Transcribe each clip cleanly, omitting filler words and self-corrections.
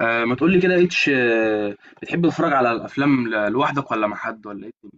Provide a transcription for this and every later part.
ما تقول لي كده اتش، بتحب تتفرج على الافلام لوحدك ولا مع حد ولا ايه؟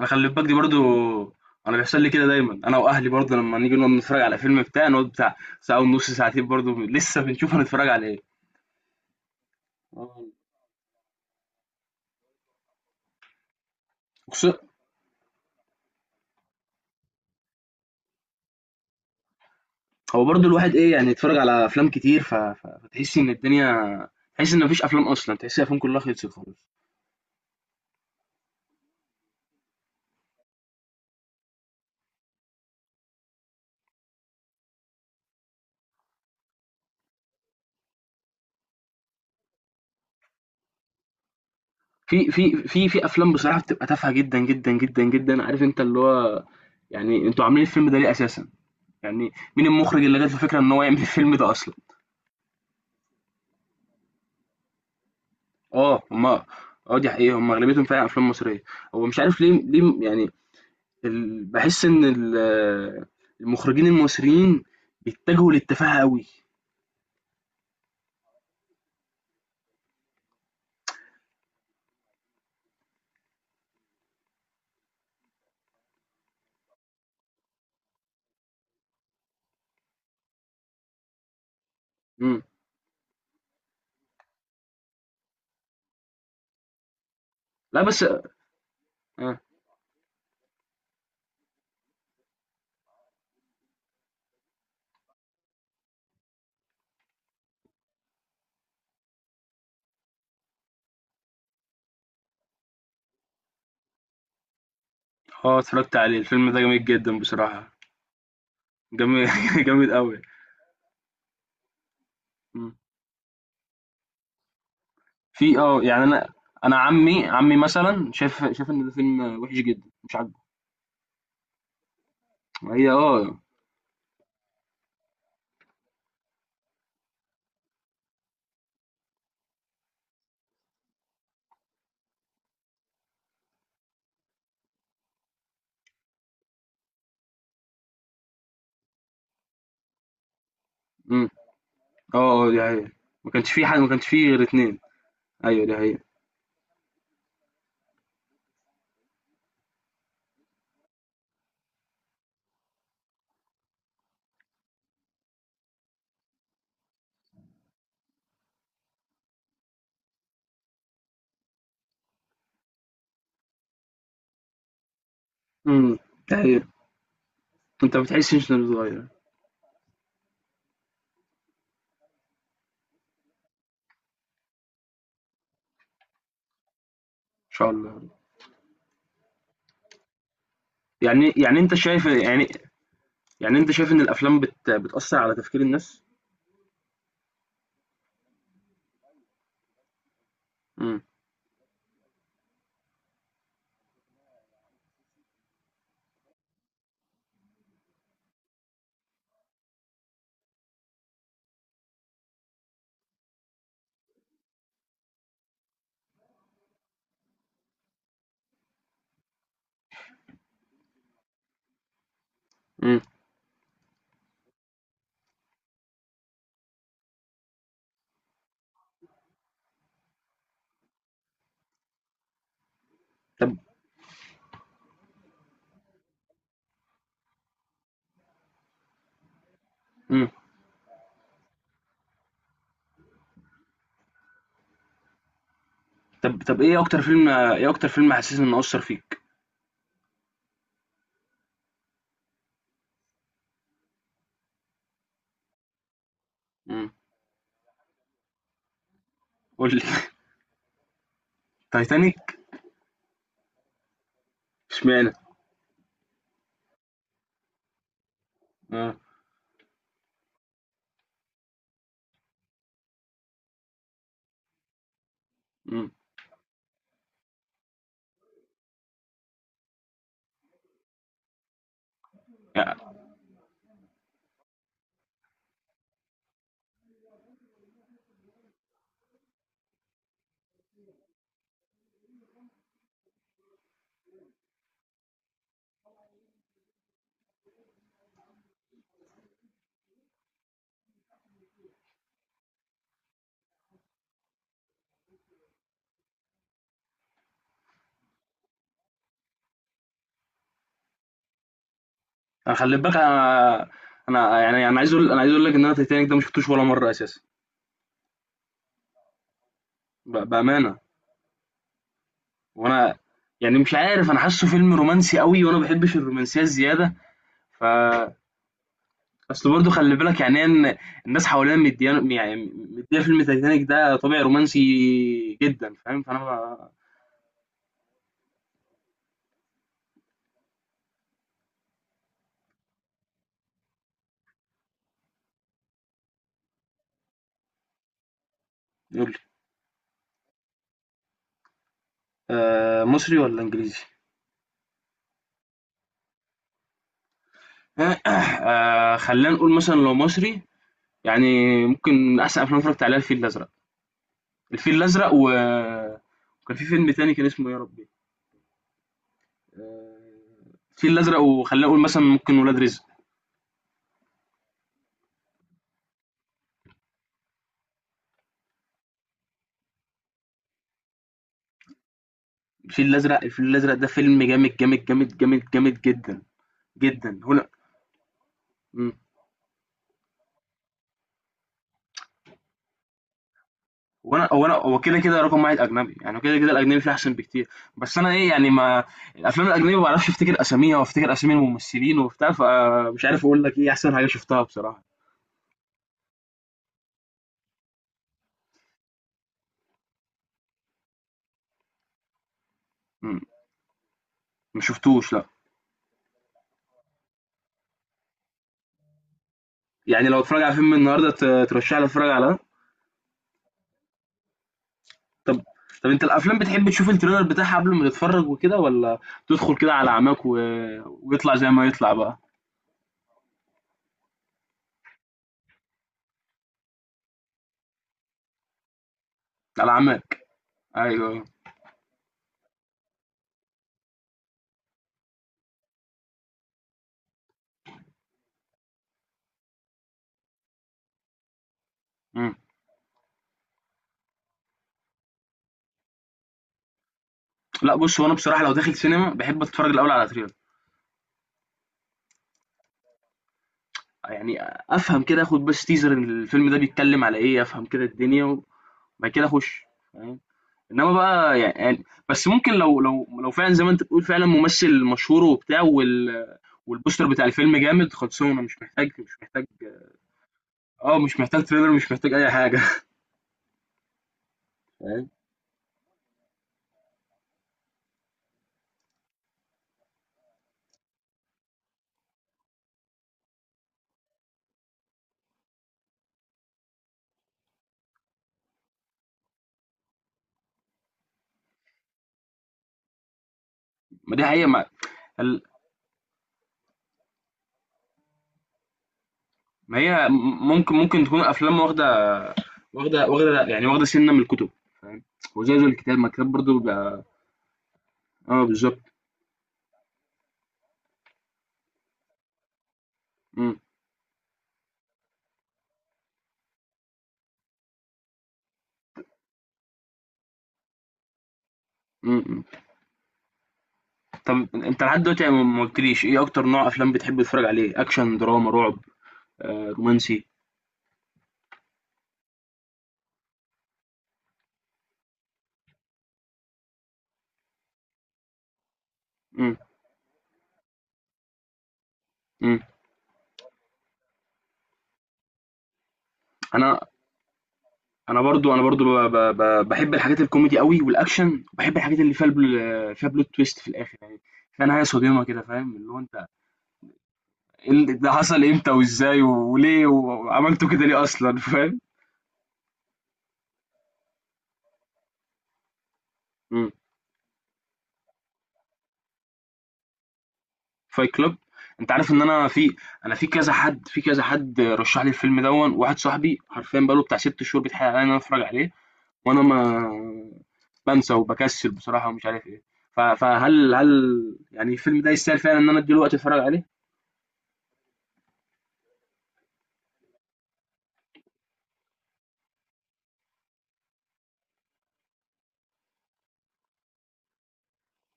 انا خلي بالك دي برضو. انا بيحصل لي كده دايما، انا واهلي برضو لما نيجي نقعد نتفرج على فيلم بتاع، نقعد بتاع ساعه ونص ساعتين برضو لسه بنشوف هنتفرج على ايه. آه. وخصوصا- هو برضو الواحد، ايه يعني، يتفرج على افلام كتير، فتحس ان الدنيا، تحس ان مفيش افلام اصلا، تحس الافلام كلها خلصت خالص. في افلام بصراحه بتبقى تافهه جدا جدا جدا جدا، عارف، انت اللي هو، يعني انتوا عاملين الفيلم ده ليه اساسا؟ يعني مين المخرج اللي جات له فكرة إن هو يعمل الفيلم ده أصلًا؟ آه، هم، دي حقيقة، هم أغلبيتهم فعلًا أفلام مصرية. هو مش عارف ليه، ليه يعني. باحس إن المخرجين المصريين بيتجهوا للتفاهة أوي. إمم. لأ، بس. آه. آه، اتفرجت عليه، الفيلم ده جميل جدًا بصراحة. جمي جامد أوي. إمم. في، يعني أنا عمي مثلًا شاف إن ده فيلم وحش جدًا، مش عاجبه. هي، إمم. آه، آه، دي حقيقة. ما كانش في حد، ما كانش في غير 2. أيوه، دي حقيقة. امم طيب، انت ما بتحسش انه بيتغير، ان شاء الله. يعني انت شايف، يعني انت شايف ان الافلام بتأثر على تفكير الناس؟ امم. امم. طب. امم. طب. طب. ايه اكتر فيلم حسيت انه اثر فيك؟ امم قول لي تايتانيك. اشمعنى؟ اه. امم يعني أنا خلي بالك. انا انا يعني انا عايز اقول انا عايز اقول لك ان انا تايتانيك ده ما شفتوش ولا مره اساسا. بامانه. وانا، يعني مش عارف، انا حاسه فيلم رومانسي قوي وانا ما بحبش الرومانسيه الزياده. اصل برضه خلي بالك يعني إن الناس حواليا مديان يعني، مديه فيلم تايتانيك ده طابع رومانسي جدا، فاهم، فانا ما-. يقول لي. مصري ولا انجليزي؟ خلينا نقول مثلا لو مصري. يعني ممكن احسن افلام اتفرجت عليها الفيل الازرق، الفيل الازرق. وكان في فيلم تاني كان اسمه يا ربي، آه، الفيل الازرق وخلينا نقول مثلا ممكن ولاد رزق. الفيل الازرق ده فيلم جامد جامد جامد جامد جامد جدا جدا. هنا، هو كده كده رقم واحد اجنبي، يعني كده كده الاجنبي فيه احسن بكتير. بس انا ايه يعني، ما الافلام الاجنبي ما بعرفش افتكر اساميها وافتكر اسامي الممثلين وبتاع، فمش عارف اقول لك ايه احسن حاجه شفتها بصراحه. مم. ما شفتوش، لا. يعني لو اتفرج على فيلم النهارده، ترشح لي اتفرج على ده؟ طب طب انت الافلام بتحب تشوف التريلر بتاعها قبل ما تتفرج وكده، ولا تدخل كده على عماك، ويطلع زي ما يطلع بقى. على عماك. ايوه. مم. لا، بص، هو انا بصراحه لو داخل سينما بحب اتفرج الاول على تريلر. يعني افهم كده، اخد بس تيزر ان الفيلم ده بيتكلم على ايه، افهم كده الدنيا، وبعد كده اخش. فاهم. انما بقى، بس ممكن لو فعلا زي ما انت بتقول، فعلا ممثل مشهور وبتاع، والبوستر بتاع الفيلم جامد، خلصونا، مش محتاج، مش محتاج. اه، مش محتاج تريلر، مش محتاج اي حاجه. فاهم. ما دي حقيقه، ما، ال- ما هي، ممكن تكون افلام واخده، واخده سنه من الكتب، فاهم. وزي الكتاب، ما الكتاب برضه بيبقى. اه، بالظبط. مم. مم. طب، انت لحد دلوقتي ما قلتليش ايه اكتر نوع افلام بتحب تتفرج عليه؟ اكشن، دراما، رعب، آه، رومانسي؟ مم. مم. انا انا برضو، انا برضو بحب الحاجات الكوميدي قوي والاكشن، وبحب الحاجات اللي فيها فيها بلوت تويست في الاخر يعني، فيها نهايه صادمه كده، فاهم، اللي هو انت، ده حصل امتى وازاي وليه وعملته كده ليه اصلا فاهم. مم. فايت كلوب. انت عارف ان انا في، كذا حد، رشح لي الفيلم دون، واحد صاحبي حرفيا بقاله بتاع 6 شهور بيتحايل عليا ان انا اتفرج عليه. وانا ما بانسى وبكسل بصراحة، ومش عارف إيه. ف فهل هل يعني الفيلم ده يستاهل فعلًا إن أنا أدّي له وقت أتفرّج عليه؟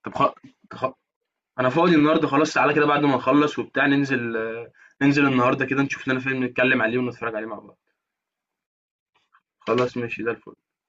طب. خ خ أنا فاضي النهارده خلاص، تعالَ كده بعد ما نخلّص وبتاع، ننزل النهارده كده، نشوف لنا فيلم نتكلّم عليه ونتفرّج عليه مع بعض. خلاص، ماشي زي الفل.